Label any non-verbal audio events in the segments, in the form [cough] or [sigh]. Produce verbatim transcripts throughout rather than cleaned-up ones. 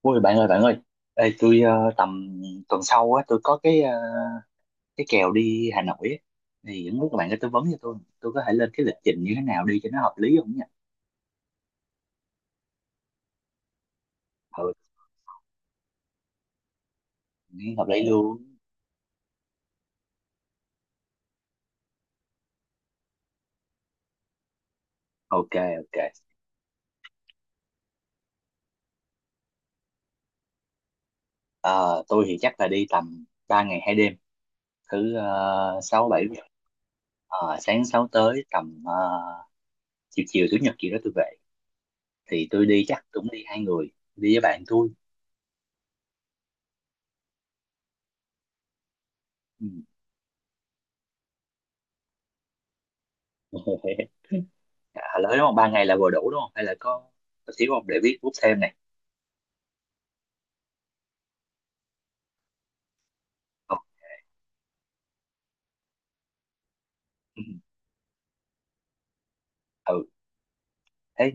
Ôi bạn ơi, bạn ơi! Ê, tôi ờ, tầm tuần sau á tôi có cái ờ, cái kèo đi Hà Nội á, thì không biết các bạn có tư vấn cho tôi, tôi có thể lên cái lịch trình như thế nào đi cho nó hợp lý không nhỉ? Ừ, nghe hợp lý luôn. Ok ok. Ờ, tôi thì chắc là đi tầm ba ngày hai đêm, thứ ờ, sáu bảy. Ờ, sáng sáu tới tầm ờ, chiều chiều chủ nhật gì đó tôi về, thì tôi đi chắc cũng đi hai người, đi với bạn tôi. Ừ. [laughs] À, lỡ đúng không? Ba ngày là vừa đủ đúng không? Hay là có có xíu không để viết bút thêm này. Ok. Ừ. Ừ, thế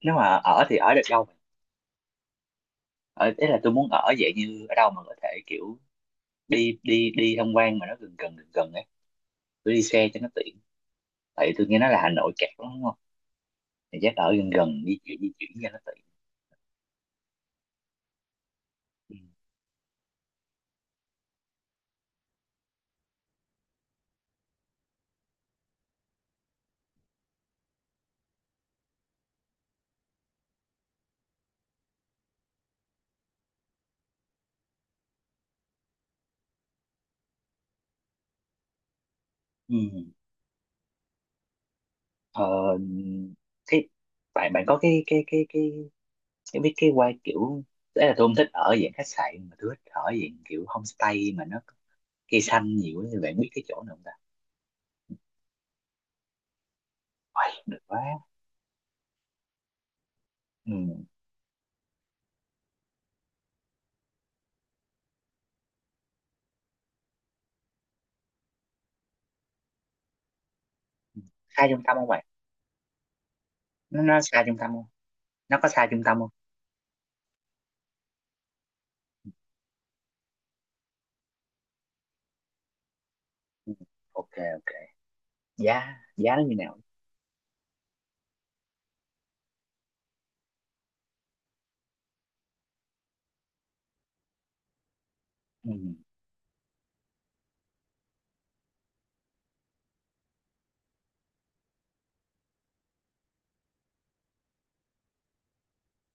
nếu mà ở thì ở được đâu vậy? Ở thế là tôi muốn ở vậy, như ở đâu mà có thể kiểu đi đi đi tham quan mà nó gần gần gần gần ấy, tôi đi xe cho nó tiện, tại vì tôi nghe nói là Hà Nội kẹt lắm đúng không, thì chắc ở gần gần di chuyển di chuyển cho nó tiện. Ừ. Ừ. Ờ, thế bạn, bạn có cái cái cái cái cái biết cái quay kiểu đấy, là tôi không thích ở dạng khách sạn mà tôi thích ở dạng kiểu homestay mà nó cây xanh nhiều ấy. Thì bạn biết cái chỗ nào không ta? Uầy, được quá. Ừ. Hai trung tâm không bạn? nó nó xa trung tâm không? Nó có xa trung tâm không? Ừ. Ok ok. Giá giá nó như nào? Ừ.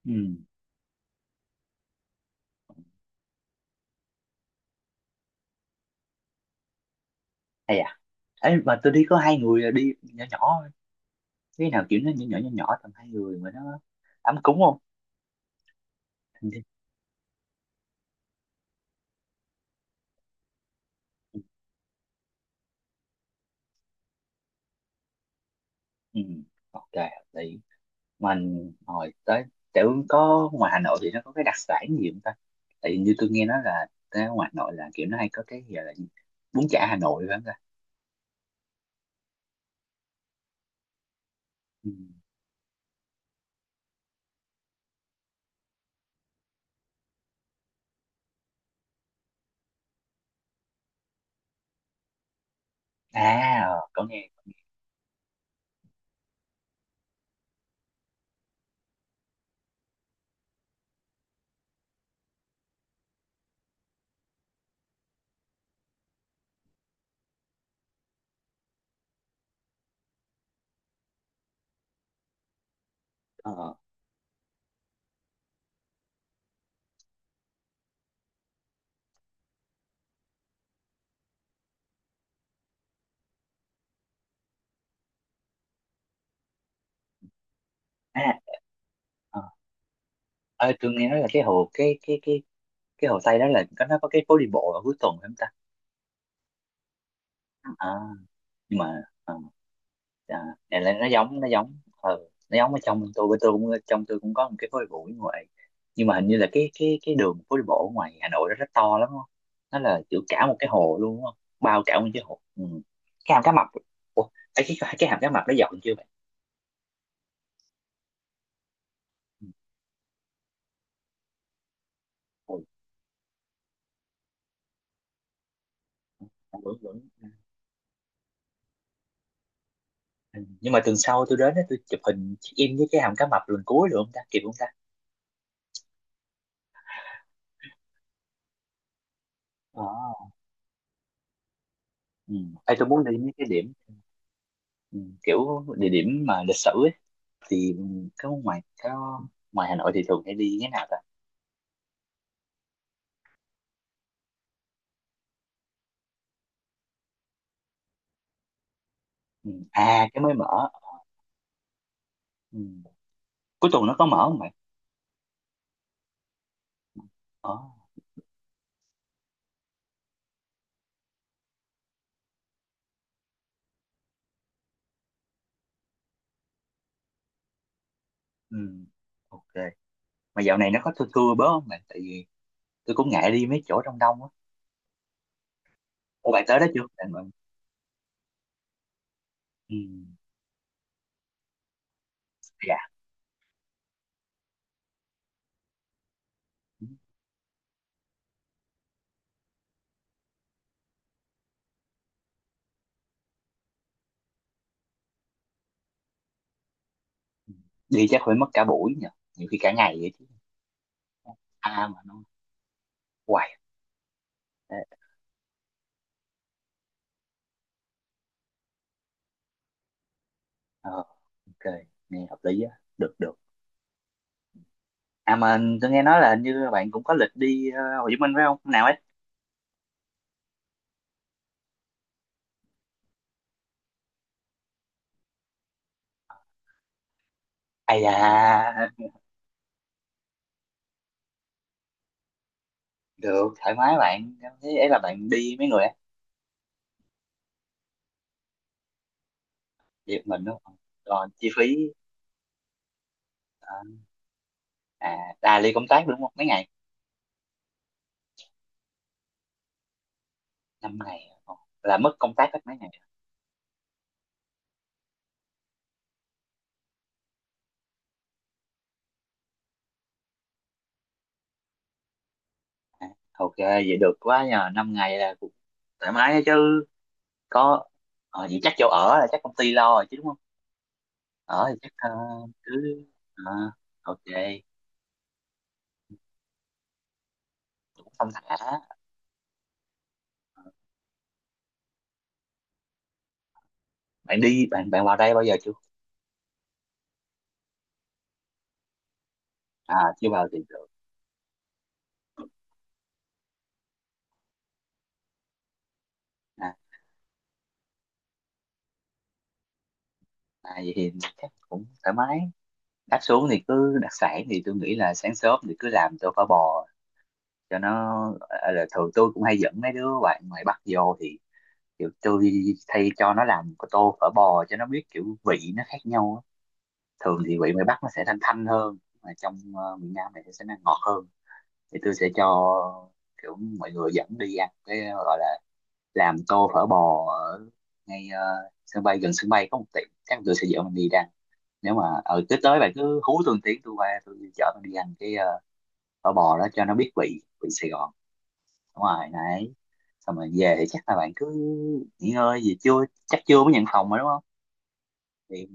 Ừ. Hay à. Ấy mà tôi đi có hai người là đi nhỏ nhỏ thôi. Cái nào kiểu nó nhỏ nhỏ nhỏ nhỏ tầm hai người mà nó ấm cúng không? Ừ. Ừ. Ok, thì mình hồi tới, kiểu có ngoài Hà Nội thì nó có cái đặc sản gì không ta? Tại như tôi nghe nói là cái ngoài Hà Nội là kiểu nó hay có cái gì là gì? Bún chả Hà Nội phải không ta? Ừ. À, ờ, có nghe. ờ à, ờ, Ờ, tôi nghe nói là cái hồ cái cái cái cái hồ Tây đó là có, nó có cái phố đi bộ ở cuối tuần phải không ta? À, nhưng mà à, à, này là nó giống, nó giống ờ, nó giống ở trong tôi, bên tôi cũng, trong tôi cũng có một cái phố đi bộ ở ngoài, nhưng mà hình như là cái cái cái đường phố đi bộ ở ngoài Hà Nội đó rất to lắm đúng không? Nó là kiểu cả một cái hồ luôn đúng không? Bao cả một cái hồ. Ừ. Cái hàm cá mập. Ủa, ấy, cái cái hàm cá mập nó dọn chưa vậy? Ừ. Ôi, vẫn vẫn. Ừ, nhưng mà tuần sau tôi đến á, tôi chụp hình check in với cái hàm cá mập lần cuối được không ta, kịp không ta? Ờ. Ừ. Ê, tôi muốn đi mấy cái điểm, ừ, kiểu địa điểm mà lịch sử ấy, thì có ngoài có, ngoài Hà Nội thì thường hay đi cái nào ta? Ừ. À cái mới mở. Ừ. Cuối tuần nó có mở không mày? Ờ. Ừ. Ok, mà dạo này nó có thưa thưa bớt không mày, tại vì tôi cũng ngại đi mấy chỗ đông đông á. Ủa bạn tới đó chưa bạn, bạn. Ừ. Dạ. Ừ. Đi chắc phải mất cả buổi nhỉ, nhiều khi cả ngày vậy chứ. À mà nó hoài. Ờ, ok, nghe hợp lý á, được được. À mà tôi nghe nói là hình như bạn cũng có lịch đi ờ, Hồ Chí Minh phải không? Hôm nào ấy? À dạ, [laughs] được, thoải mái bạn. Thế ấy là bạn đi mấy người á? Đi một mình đúng không? Còn chi phí. Ờ, à, à đi công tác đúng không? Mấy ngày? Năm ngày. Ờ, là mất công tác hết mấy ngày. À, à, ok, vậy được quá nhờ. Năm ngày là cũng thoải mái đó chứ. Có. Ờ, vậy chắc chỗ ở là chắc công ty lo rồi chứ đúng không? Ở thì chắc ờ, cứ. ờ, ok, cũng thông thả. Bạn đi, bạn bạn vào đây bao giờ chưa? À, chưa vào thì được. À, à, vậy thì chắc cũng thoải mái, đặt xuống thì cứ đặc sản thì tôi nghĩ là sáng sớm thì cứ làm tô phở bò cho nó, à, là thường tôi cũng hay dẫn mấy đứa bạn ngoài Bắc vô thì kiểu tôi thay cho nó làm cái tô phở bò cho nó biết kiểu vị nó khác nhau á. Thường thì vị ngoài Bắc nó sẽ thanh thanh hơn, mà trong ờ, miền Nam này sẽ nó ngọt hơn, thì tôi sẽ cho kiểu mọi người dẫn đi ăn cái gọi là làm tô phở bò ở ngay ờ, sân bay, gần sân bay có một tiệm, chắc tôi sẽ dẫn mình đi ra. Nếu mà ở tới tới bạn cứ hú tôi một tiếng, tôi qua tôi chở bạn đi ăn cái ờ, phở bò đó cho nó biết vị vị Sài Gòn. Đúng rồi này. Xong rồi về thì chắc là bạn cứ nghỉ ngơi gì chưa, chắc chưa, mới nhận phòng mà đúng không, thì ừ,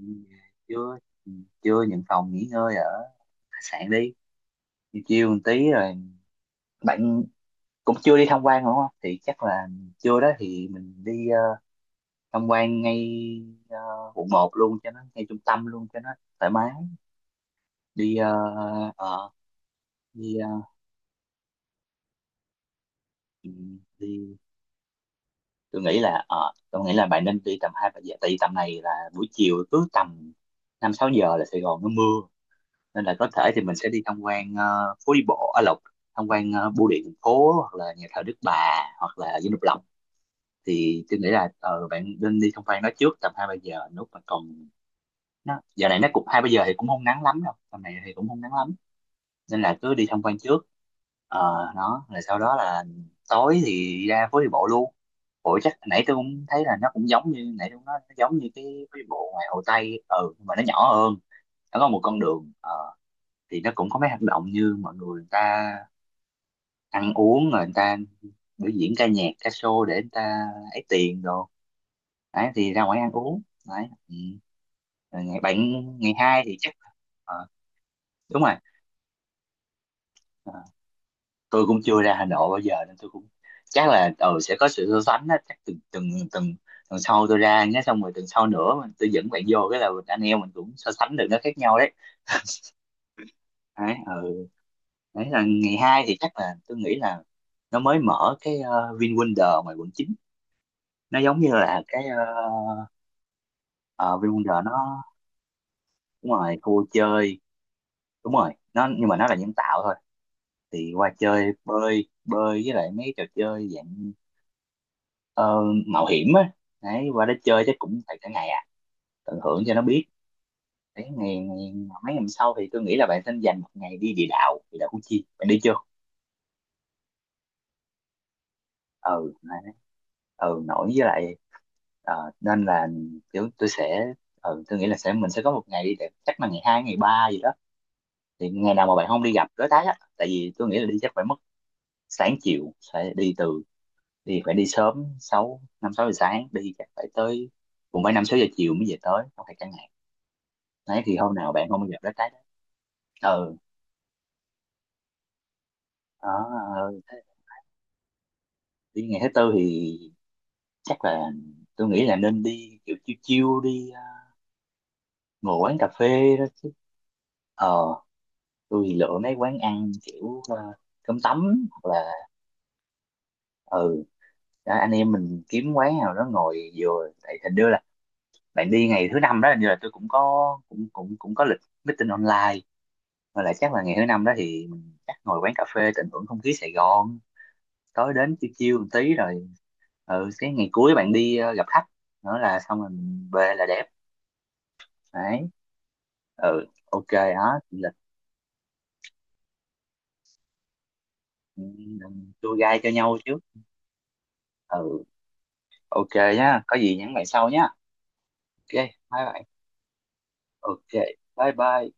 chưa, ừ, chưa nhận phòng, nghỉ ngơi ở khách sạn đi, chiều chiều một tí rồi bạn cũng chưa đi tham quan đúng không, thì chắc là trưa đó thì mình đi ờ, tham quan ngay ờ, quận một luôn, cho nó ngay trung tâm luôn cho nó thoải mái. đi ờ, ờ, đi ờ, ừ, Đi, tôi nghĩ là ờ, tôi nghĩ là bạn nên đi tầm hai ba giờ, tại vì tầm này là buổi chiều, cứ tầm năm sáu giờ là Sài Gòn nó mưa, nên là có thể thì mình sẽ đi tham quan ờ, phố đi bộ ở Lộc, tham quan ờ, bưu điện thành phố hoặc là nhà thờ Đức Bà, hoặc là Dinh Độc Lập. Thì tôi nghĩ là ờ, bạn nên đi tham quan nó trước tầm hai ba giờ lúc mà còn, nó giờ này nó cũng hai ba giờ thì cũng không nắng lắm đâu, tầm này thì cũng không nắng lắm, nên là cứ đi tham quan trước. Ờ, đó rồi sau đó là tối thì ra phố đi bộ luôn. Ủa chắc nãy tôi cũng thấy là nó cũng giống như nãy tôi nói, nó giống như cái phố đi bộ ngoài Hồ Tây, ừ, nhưng mà nó nhỏ hơn. Nó có một con đường ờ, thì nó cũng có mấy hoạt động như mọi người, người ta ăn uống rồi người ta biểu diễn ca nhạc ca show để người ta ấy tiền đồ, đấy thì ra ngoài ăn uống. Đấy. Ừ. Rồi ngày bạn, ngày hai thì chắc, ờ, đúng rồi. Ờ, tôi cũng chưa ra Hà Nội bao giờ nên tôi cũng, chắc là ừ, sẽ có sự so sánh đó, chắc từng từng từng tuần sau tôi ra nhé, xong rồi tuần sau nữa mình tôi dẫn bạn vô, cái là mình- anh em mình cũng so sánh được nó khác nhau đấy. Đấy, ừ. Đấy là ngày hai thì chắc là tôi nghĩ là nó mới mở cái uh, VinWonder ngoài quận chín, nó giống như là cái uh, uh, VinWonder nó, đúng rồi khu chơi, đúng rồi nó nhưng mà nó là nhân tạo thôi, thì qua chơi bơi bơi với lại mấy trò chơi dạng ờ, mạo hiểm á. Đấy qua đó chơi chắc cũng phải cả ngày à, tận hưởng cho nó biết. Đấy ngày, ngày mấy, ngày sau thì tôi nghĩ là bạn nên dành một ngày đi địa đạo, địa đạo Củ Chi bạn đi chưa? Ừ đấy. Ừ nổi với lại, ờ, nên là kiểu tôi sẽ, ừ, tôi nghĩ là sẽ mình sẽ có một ngày đi, để chắc là ngày hai ngày ba gì đó, thì ngày nào mà bạn không đi gặp đối tác á, tại vì tôi nghĩ là đi chắc phải mất sáng chiều, phải đi từ, đi phải đi sớm sáu, năm sáu giờ sáng đi chắc phải tới, cũng phải năm sáu giờ chiều mới về tới, không thể cả ngày. Đấy thì hôm nào bạn không bao giờ lá trái đó. Ừ đó. Ừ. Thế- đi ngày thứ tư thì chắc là tôi nghĩ là nên đi kiểu chiêu chiêu đi ờ, ngồi quán cà phê đó. Ờ tôi thì lựa mấy quán ăn kiểu ờ, cơm tấm hoặc là ừ đó, anh em mình kiếm quán nào đó ngồi, vừa tại hình như là bạn đi ngày thứ năm đó, hình như là tôi cũng có cũng cũng cũng có lịch meeting online, và là chắc là ngày thứ năm đó thì mình chắc ngồi quán cà phê tận hưởng không khí Sài Gòn, tối đến chiêu chiêu một tí rồi ừ cái ngày cuối bạn đi ờ, gặp khách nữa là xong rồi mình về là đẹp. Đấy. Ừ ok đó lịch, ừ, tour guide cho nhau trước. Ừ ok nhá, có gì nhắn lại sau nhá. Ok bye bạn. Ok bye bye.